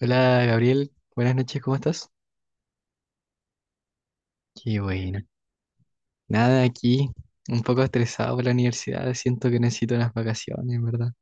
Hola Gabriel, buenas noches, ¿cómo estás? Qué bueno. Nada, aquí un poco estresado por la universidad, siento que necesito unas vacaciones, ¿en verdad?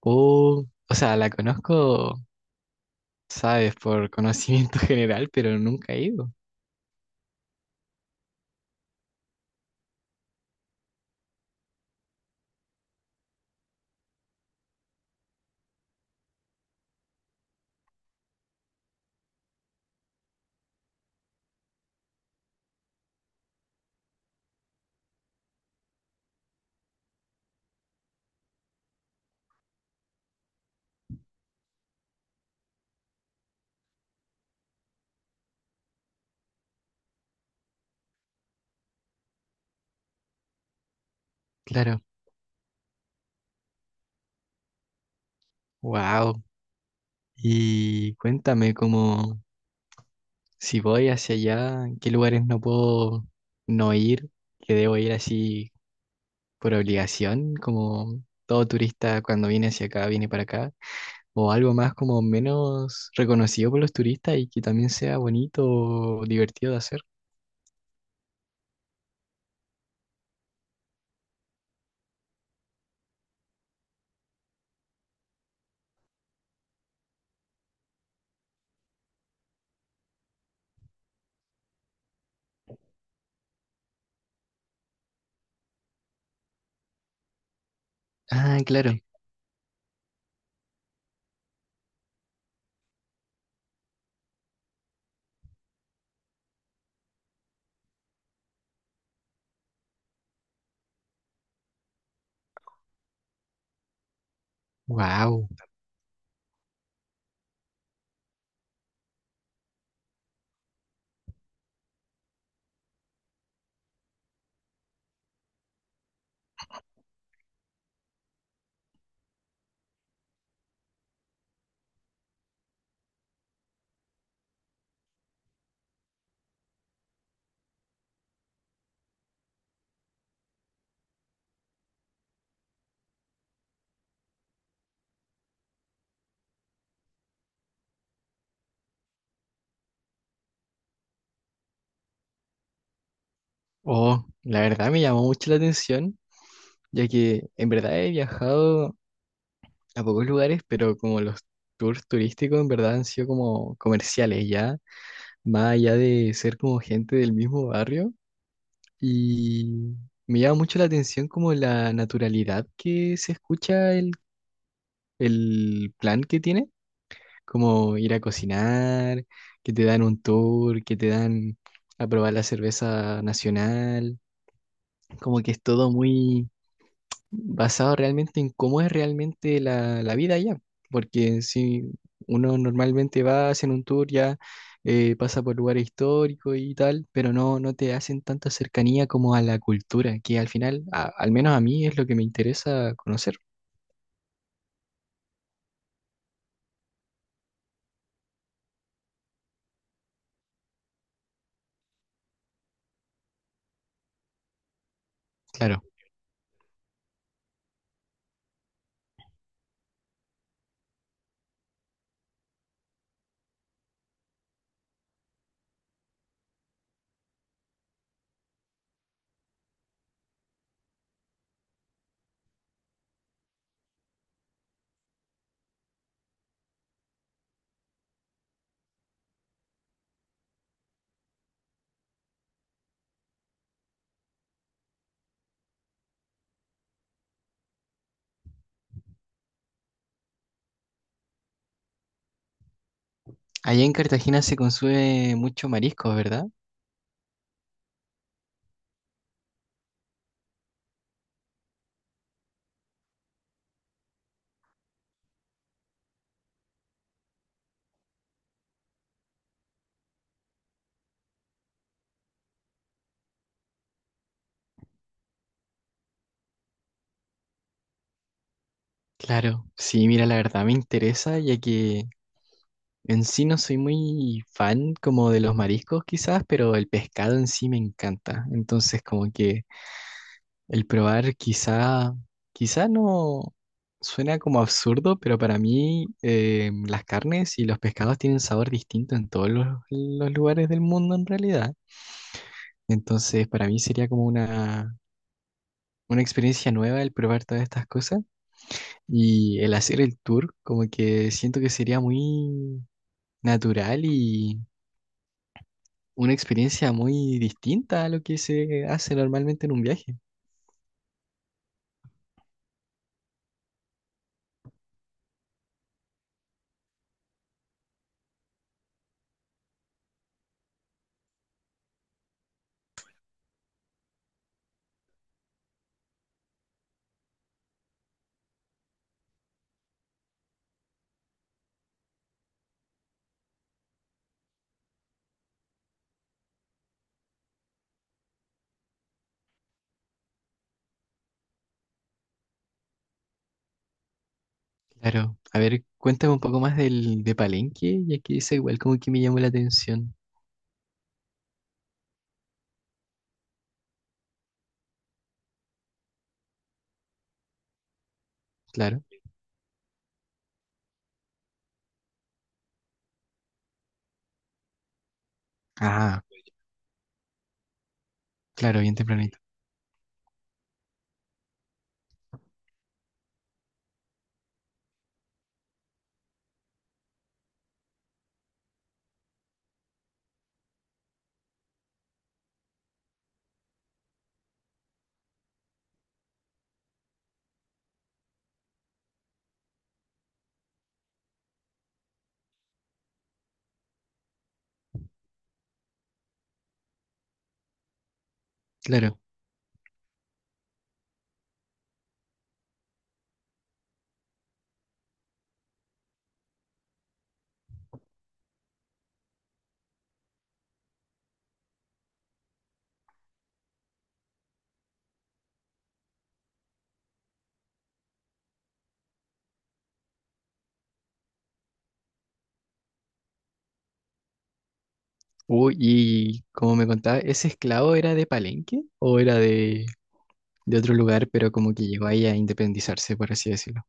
La conozco, sabes, por conocimiento general, pero nunca he ido. Claro. Wow. Y cuéntame cómo, si voy hacia allá, ¿en ¿qué lugares no puedo no ir? Que debo ir así por obligación, como todo turista cuando viene hacia acá, viene para acá. O algo más como menos reconocido por los turistas y que también sea bonito o divertido de hacer. Ah, claro. Wow. Oh, la verdad me llamó mucho la atención, ya que en verdad he viajado a pocos lugares, pero como los tours turísticos en verdad han sido como comerciales ya, más allá de ser como gente del mismo barrio. Y me llama mucho la atención como la naturalidad que se escucha el plan que tiene. Como ir a cocinar, que te dan un tour, que te dan a probar la cerveza nacional, como que es todo muy basado realmente en cómo es realmente la vida allá, porque si uno normalmente va, hacen un tour ya, pasa por lugares históricos y tal, pero no te hacen tanta cercanía como a la cultura, que al final, al menos a mí es lo que me interesa conocer, claro. Allá en Cartagena se consume mucho marisco, ¿verdad? Claro, sí, mira, la verdad me interesa, ya que en sí no soy muy fan como de los mariscos quizás, pero el pescado en sí me encanta. Entonces como que el probar quizá no suena como absurdo, pero para mí las carnes y los pescados tienen sabor distinto en todos los lugares del mundo en realidad. Entonces para mí sería como una experiencia nueva el probar todas estas cosas y el hacer el tour, como que siento que sería muy natural y una experiencia muy distinta a lo que se hace normalmente en un viaje. Claro, a ver, cuéntame un poco más del de Palenque, ya que es igual como que me llamó la atención. Claro. Ah, claro, bien tempranito. Claro. Uy, y como me contaba, ¿ese esclavo era de Palenque o era de otro lugar, pero como que llegó ahí a independizarse, por así decirlo?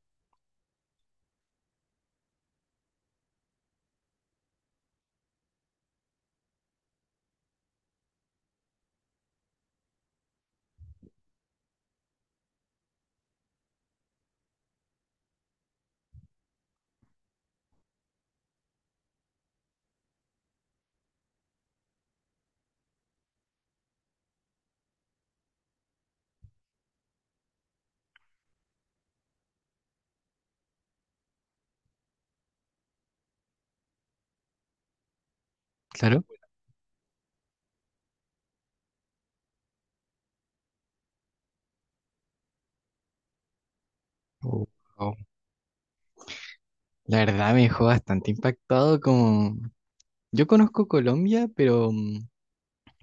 Claro. Oh, wow. La verdad me dejó bastante impactado como… Yo conozco Colombia, pero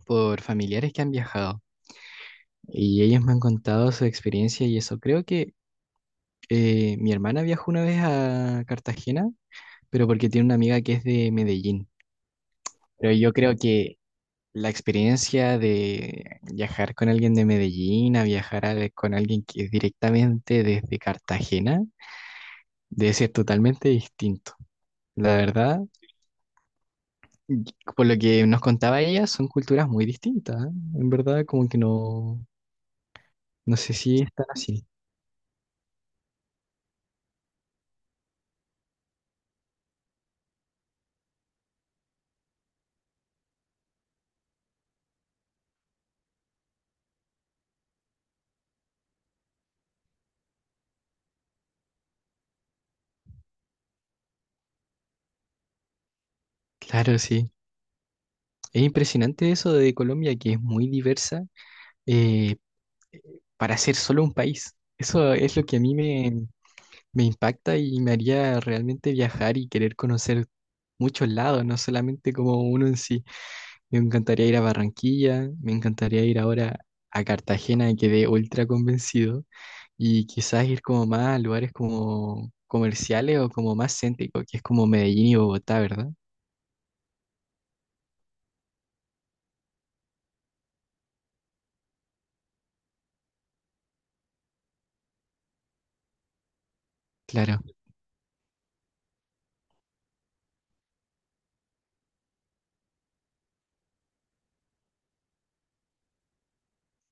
por familiares que han viajado y ellos me han contado su experiencia y eso. Creo que mi hermana viajó una vez a Cartagena, pero porque tiene una amiga que es de Medellín. Pero yo creo que la experiencia de viajar con alguien de Medellín a con alguien que es directamente desde Cartagena debe ser totalmente distinto. La verdad, y por lo que nos contaba ella, son culturas muy distintas, ¿eh? En verdad, como que no, no sé si están así. Claro, sí. Es impresionante eso de Colombia, que es muy diversa, eh, eh, para ser solo un país. Eso es lo que a me impacta y me haría realmente viajar y querer conocer muchos lados, no solamente como uno en sí. Me encantaría ir a Barranquilla, me encantaría ir ahora a Cartagena, quedé ultra convencido, y quizás ir como más a lugares como comerciales o como más céntricos, que es como Medellín y Bogotá, ¿verdad? Claro,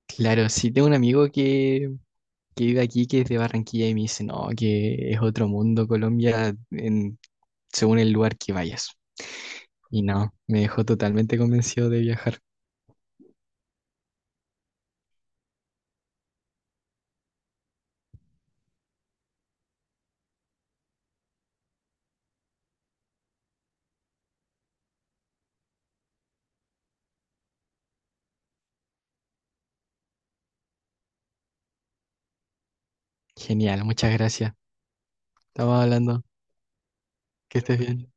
claro, sí tengo un amigo que vive aquí, que es de Barranquilla, y me dice, no, que es otro mundo Colombia según el lugar que vayas. Y no, me dejó totalmente convencido de viajar. Genial, muchas gracias. Estamos hablando, que estés bien.